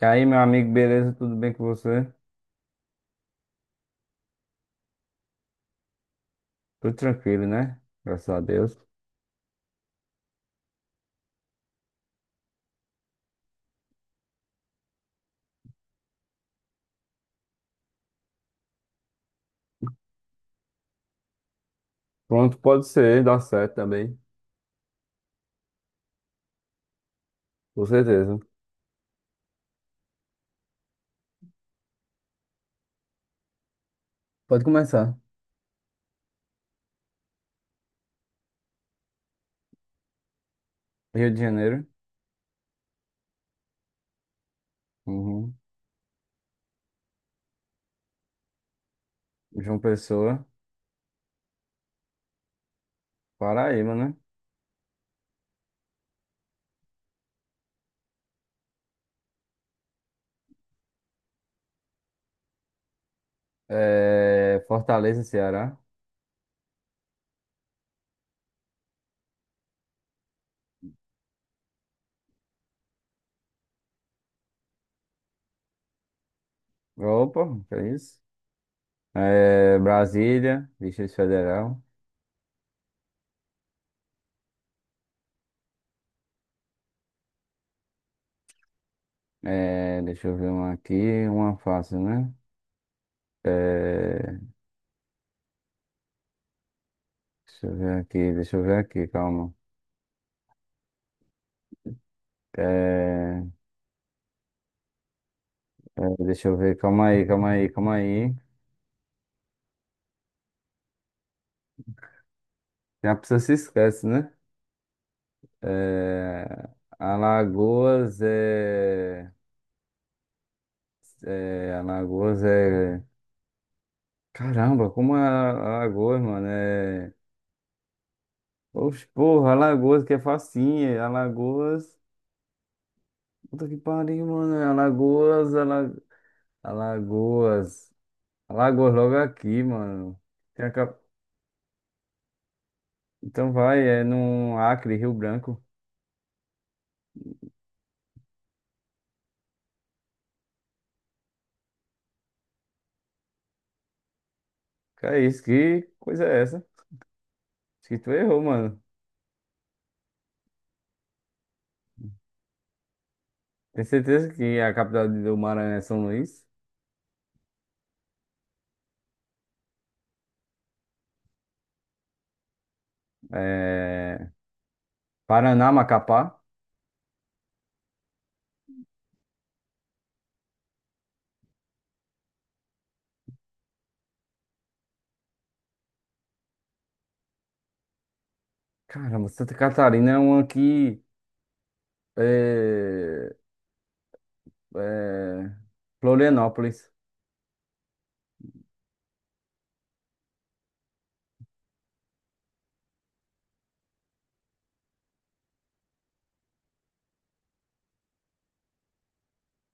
E aí, meu amigo, beleza? Tudo bem com você? Tudo tranquilo, né? Graças a Deus. Pronto, pode ser, dá certo também, com certeza. Pode começar. Rio de Janeiro. Uhum. João Pessoa, Paraíba, né? É, Fortaleza, Ceará. Opa, que é isso? É, Brasília, Distrito Federal. É, deixa eu ver uma aqui, uma fácil, né? É, deixa eu ver aqui, calma. Calma, calma, calma. É, é, deixa eu ver, calma aí, calma aí, calma aí. Já a pessoa se esquece, né? É, Alagoas é. É. Alagoas é. Caramba, como é Alagoas, mano? É. Oxe, porra, Alagoas que é facinha. Alagoas. Puta que pariu, mano. É Alagoas, Alagoas. Alagoas logo aqui, mano. Tem a cap- Então vai, é no Acre, Rio Branco. Que é isso? Que coisa é essa? Acho que tu errou, mano. Tem certeza que a capital do Maranhão é São Luís? É, Paraná, Macapá. Caramba, Santa Catarina é um aqui. É, é, Florianópolis.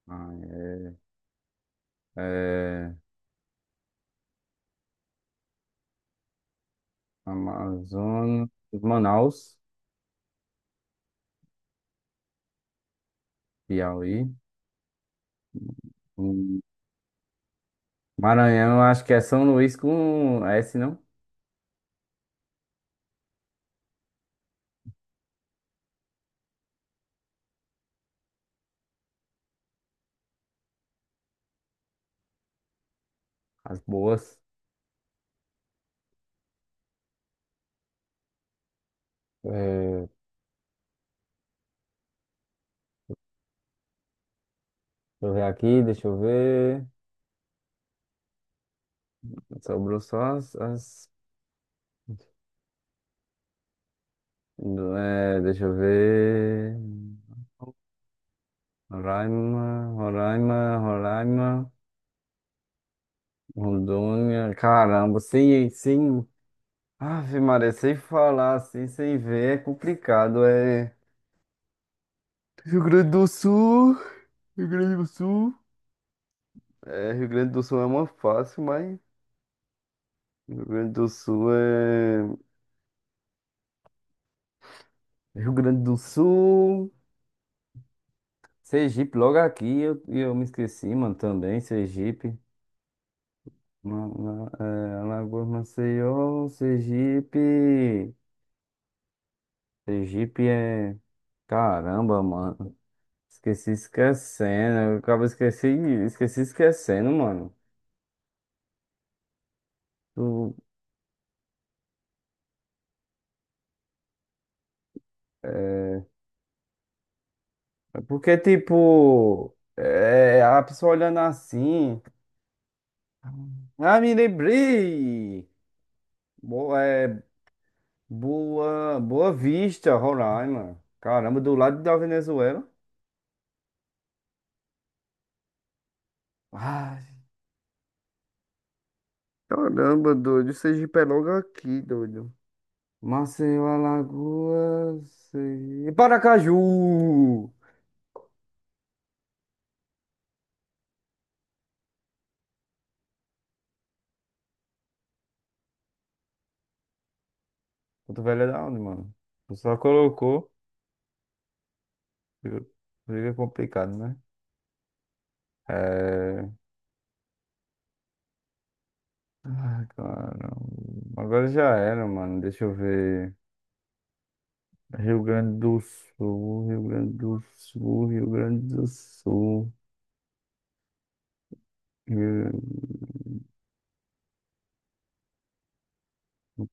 Ah, é, é, Amazonas, Manaus, Piauí. Hum, Maranhão, eu acho que é São Luís com S, não? As boas. É, deixa eu ver aqui, deixa eu ver. Sobrou só é, deixa eu ver. Roraima, Roraima, Roraima. Rondônia, caramba, sem, sem, Ave Maria, sem falar assim, sem ver, é complicado, é. Rio Grande do Sul, Rio Grande do Sul, é, Rio Grande do Sul é uma fácil, mas Rio Grande do Sul é. Rio Grande do Sul, Sergipe, logo aqui, e eu me esqueci, mano, também, Sergipe, é, Alagoas, Maceió, Sergipe, Sergipe é. Caramba, mano. Esqueci esquecendo. Eu acabo esqueci, esqueci esquecendo, mano. Tu- É porque, tipo, é, a pessoa olhando assim. Ah, me lembrei! Boa, é, boa, Boa Vista, Roraima. Caramba, do lado da Venezuela. Ai, caramba, doido, o Sergipe é logo aqui, doido. Maceió, Alagoas. E Paracaju! Cotovelo é da onde, mano? Tu só colocou. Fica fica complicado, né? É. Ai, cara. Agora já era, mano. Deixa eu ver. Rio Grande do Sul, Rio Grande do Sul, Rio Grande do Sul, Rio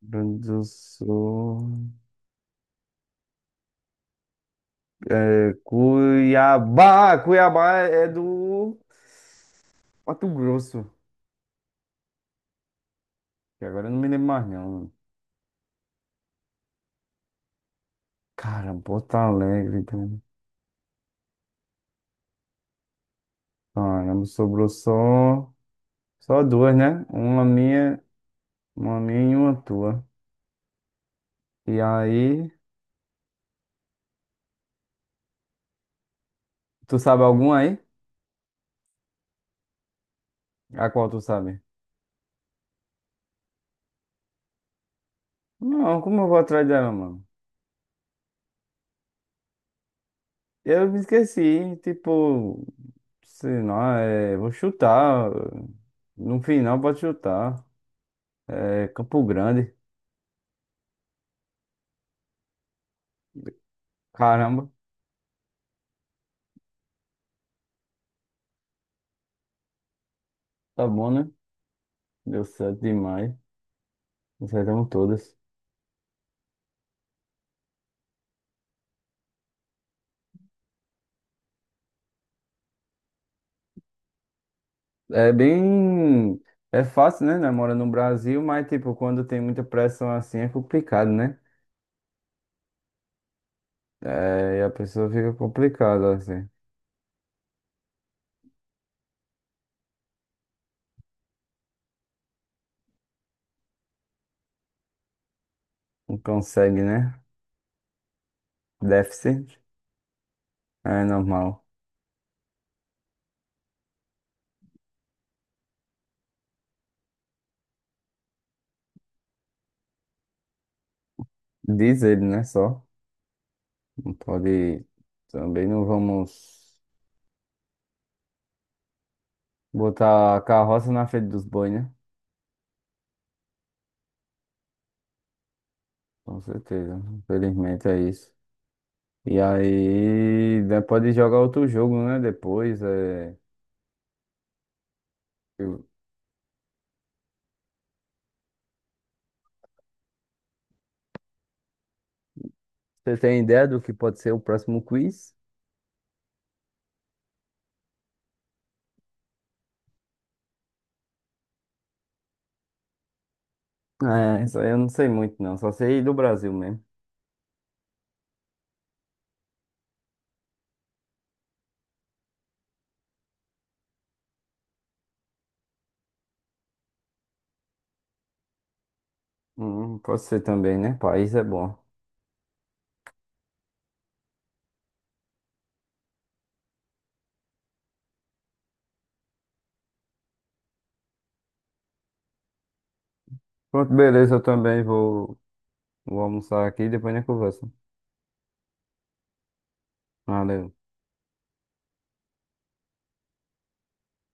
Grande do Sul. É, Cuiabá! Cuiabá é do Mato Grosso. Que agora eu não me lembro mais, não. Caramba, Porto Alegre, cara. Caramba, sobrou só duas, né? Uma minha e uma tua. E aí, tu sabe alguma aí? A qual tu sabe? Não, como eu vou atrás dela, mano? Eu me esqueci, tipo, sei lá, é, vou chutar. No final pode chutar. É Campo Grande. Caramba, tá bom, né? Deu certo demais. Acertamos todas. É bem. É fácil, né? Mora no Brasil, mas, tipo, quando tem muita pressão assim é complicado, né? É, e a pessoa fica complicada, assim. Não consegue, né? Déficit. É normal. Diz ele, né? Só. Não pode. Também não vamos botar a carroça na frente dos bois, né? Com certeza. Infelizmente é isso. E aí, né, pode jogar outro jogo, né? Depois. Eu- Você tem ideia do que pode ser o próximo quiz? É, isso aí eu não sei muito, não. Só sei do Brasil mesmo. Pode ser também, né? País é bom. Pronto, beleza. Eu também vou almoçar aqui e depois a gente conversa. Valeu.